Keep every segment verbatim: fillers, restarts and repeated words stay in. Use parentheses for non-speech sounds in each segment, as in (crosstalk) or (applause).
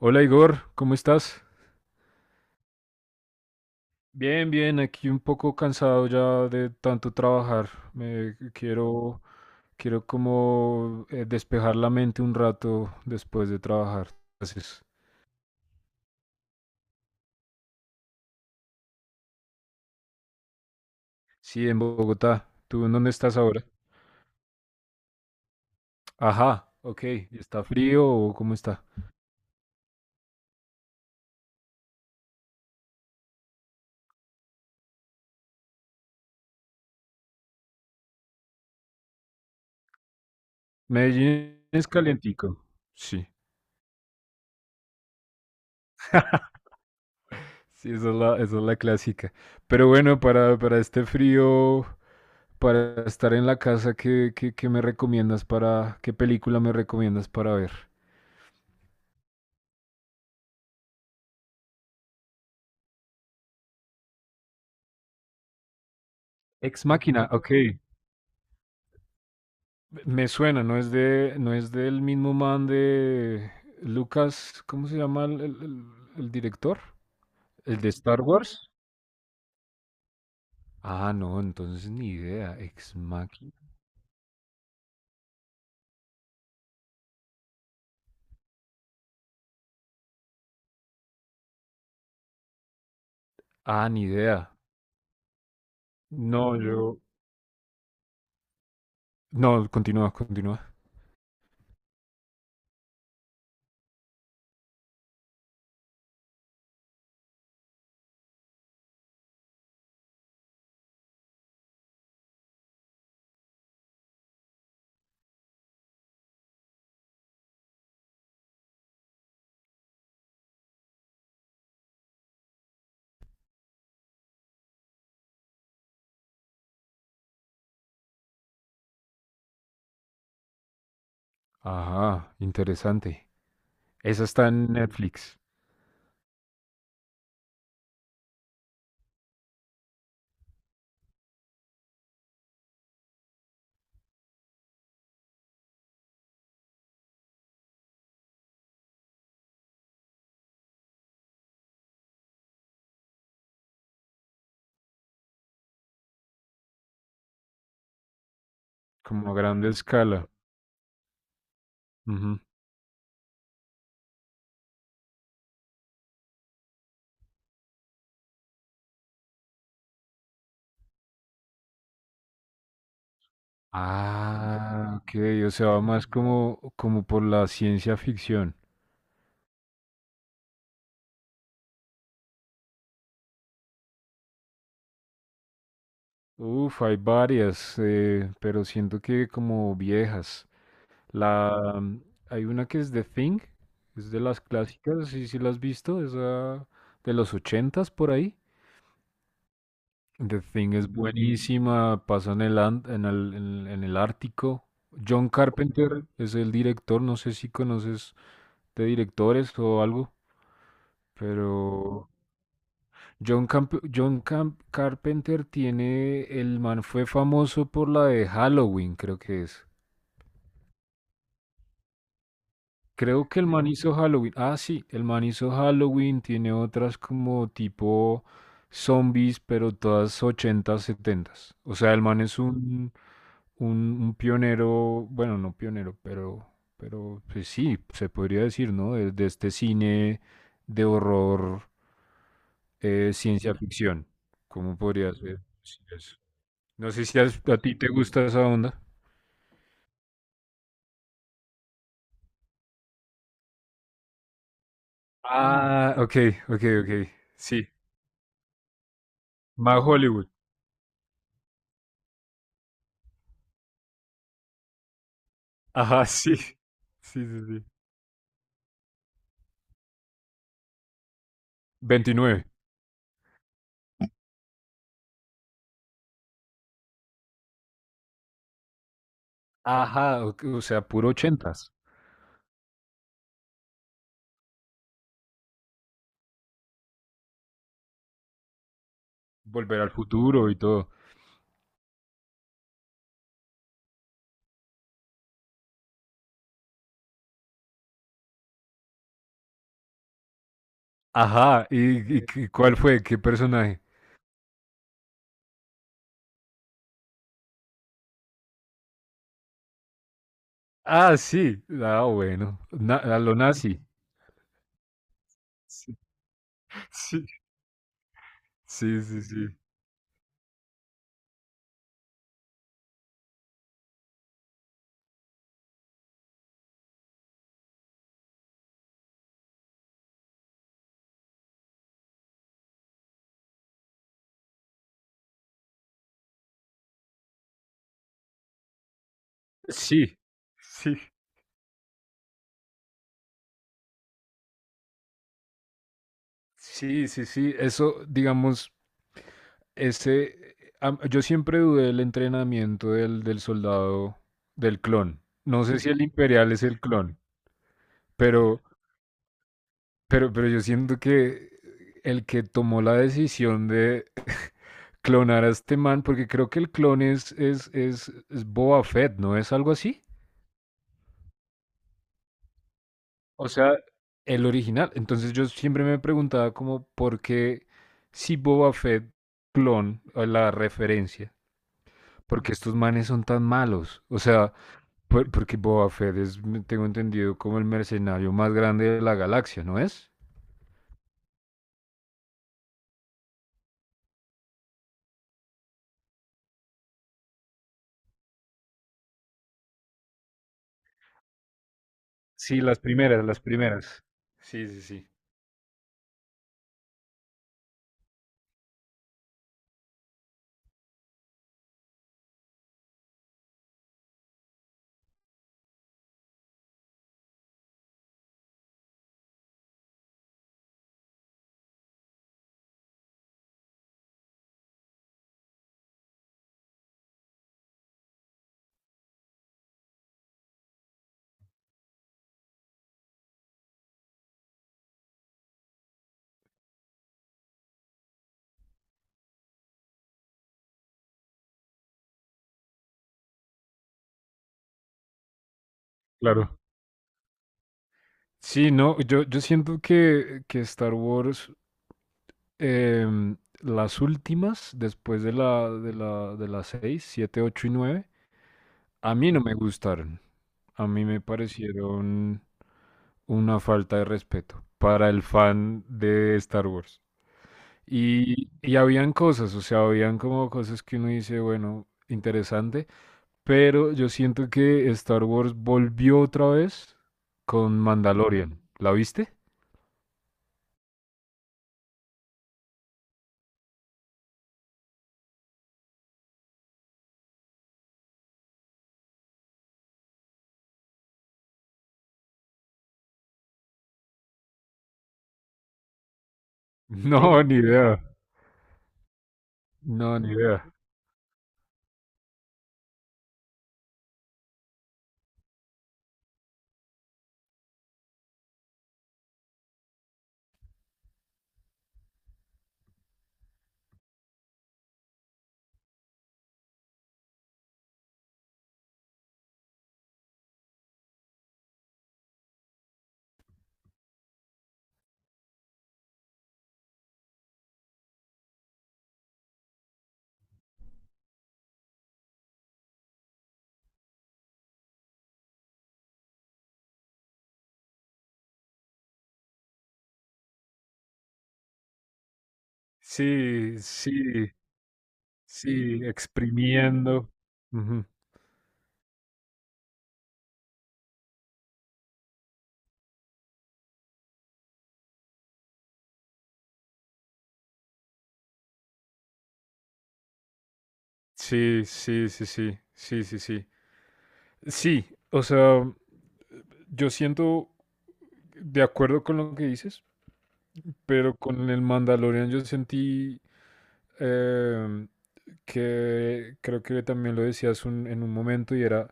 Hola Igor, ¿cómo estás? Bien, bien, aquí un poco cansado ya de tanto trabajar. Me quiero, quiero como eh, despejar la mente un rato después de trabajar. Entonces, sí, en Bogotá. ¿Tú en dónde estás ahora? Ajá, ok. ¿Y ¿Está frío o cómo está? Medellín es calientico. Sí, sí, esa es la, esa es la clásica. Pero bueno, para, para este frío. Para estar en la casa, ¿qué, qué, qué me recomiendas para, qué película me recomiendas para ver? Ex Máquina, ok. Me suena, no es de, no es del mismo man de Lucas, ¿cómo se llama el, el- el- el director? ¿El de Star Wars? Ah, no, entonces ni idea. Ex Máquina. Ah, ni idea. No, yo. No, continúa, continúa. Ajá, interesante. Esa está en Netflix, como a grande escala. Ah, ok, o sea, va más como, como por la ciencia ficción. Uf, hay varias, eh, pero siento que como viejas. La, mm, hay una que es The Thing, es de las clásicas, sí, sí la has visto, esa de los ochentas por ahí. The Thing es Ujú, buenísima, pasa en el, an- en el, en en el Ártico. John Carpenter es el director, no sé si conoces de directores o algo, pero John, Camp- John Camp- Carpenter tiene, el man fue famoso por la de Halloween, creo que es. Creo que el man hizo Halloween. Ah, sí, el man hizo Halloween, tiene otras como tipo zombies, pero todas ochentas setentas. O sea, el man es un, un, un pionero, bueno, no pionero, pero, pero pues sí, se podría decir, ¿no? De, de este cine de horror, eh, ciencia ficción. ¿Cómo podría ser? Sí, es. No sé si a, a ti te gusta esa onda. Ah, ok, ok, ok. Sí. Más Hollywood. Ajá, (laughs) sí. Sí, sí, sí. veintinueve. Ajá, o, o sea, puro ochentas. Volver al futuro y todo. Ajá, ¿y, y qué- cuál fue? ¿Qué personaje? Ah, sí. Ah, bueno. Na- a lo nazi. Sí, sí, sí, sí. Sí, sí, sí, sí, sí. Eso, digamos, ese am- yo siempre dudé del entrenamiento del, del soldado, del clon. No sé si el imperial es el clon, pero, pero, pero yo siento que el que tomó la decisión de clonar a este man, porque creo que el clon es, es, es, es Boba Fett, ¿no es algo así? O sea, el original. Entonces yo siempre me preguntaba como, ¿por qué si Boba Fett clon, o la referencia? Porque estos manes son tan malos. O sea, Por- porque Boba Fett es, me- tengo entendido, como el mercenario más grande de la galaxia, ¿no es? Sí, las primeras, las primeras. Sí, sí, sí. Claro. Sí, no, yo, yo siento que, que Star Wars, em, las últimas, después de la, de la, de las seis, siete, ocho y nueve, a mí no me gustaron. A mí me parecieron una falta de respeto para el fan de Star Wars. Y, y habían cosas, o sea, habían como cosas que uno dice, bueno, interesante, pero yo siento que Star Wars volvió otra vez con Mandalorian. ¿La viste? (laughs) No, no, ni idea. No, ni idea. Sí, sí, sí, exprimiendo. Ujú. Sí, sí, sí, sí, sí, sí, sí. Sí, o sea, yo siento de acuerdo con lo que dices, pero con el Mandalorian yo sentí eh, que creo que también lo decías un- en un momento y era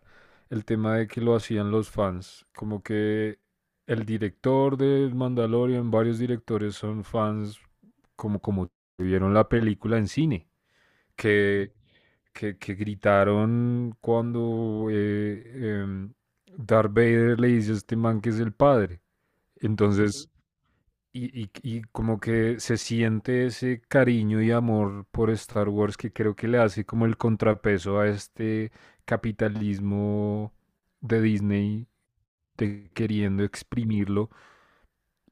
el tema de que lo hacían los fans, como que el director del Mandalorian, varios directores son fans como como vieron la película en cine, que, que, que gritaron cuando eh, em, Darth Vader le dice a este man que es el padre. Entonces y, y- y como que se siente ese cariño y amor por Star Wars que creo que le hace como el contrapeso a este capitalismo de Disney de queriendo exprimirlo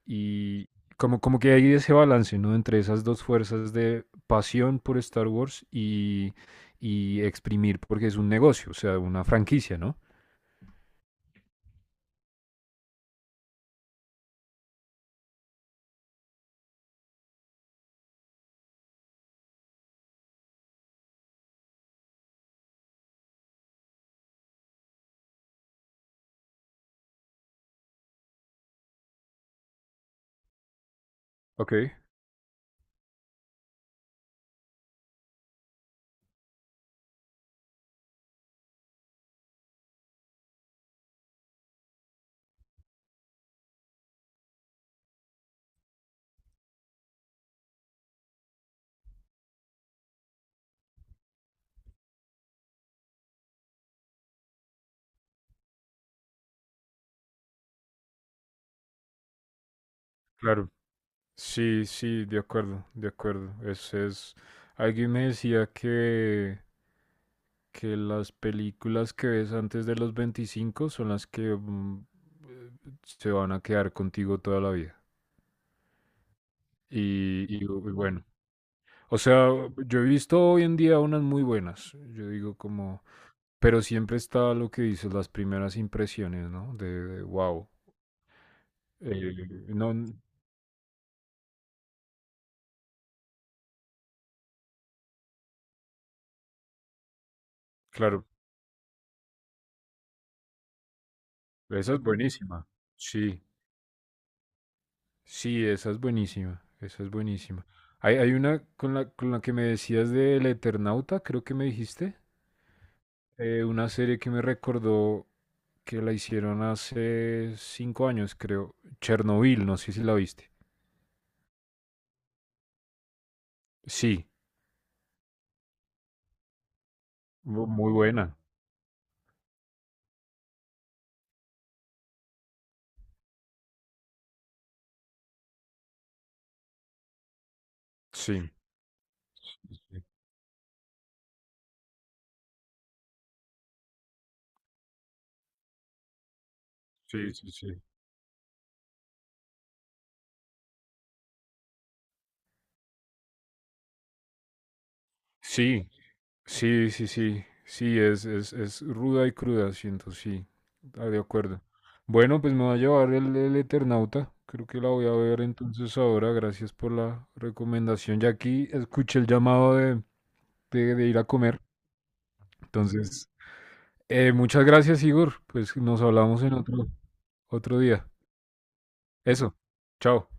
y como, como que hay ese balance, ¿no? Entre esas dos fuerzas de pasión por Star Wars y, y exprimir porque es un negocio, o sea, una franquicia, ¿no? Ok, claro. Sí, sí, de acuerdo, de acuerdo. Es, es... Alguien me decía que, que las películas que ves antes de los veinticinco son las que mm, eh, se van a quedar contigo toda la vida. Y, y, y bueno, o sea, yo he visto hoy en día unas muy buenas, yo digo como, pero siempre está lo que dices, las primeras impresiones, ¿no? De, wow. Eh, no, n- claro, esa es buenísima. Sí. Sí, esa es buenísima, esa es buenísima. Hay, hay una con la, con la que me decías del Eternauta, creo que me dijiste, eh, una serie que me recordó que la hicieron hace cinco años, creo, Chernobyl, no sé si la viste. Sí, bu- muy buena. Sí, sí, sí, sí. Sí, sí, sí, sí, sí, es, es, es ruda y cruda, siento, sí, ah, de acuerdo. Bueno, pues me va a llevar el, el Eternauta, creo que la voy a ver entonces ahora, gracias por la recomendación. Ya aquí escuché el llamado de, de, de ir a comer, entonces, eh, muchas gracias, Igor, pues nos hablamos en otro, otro día. Eso, chao.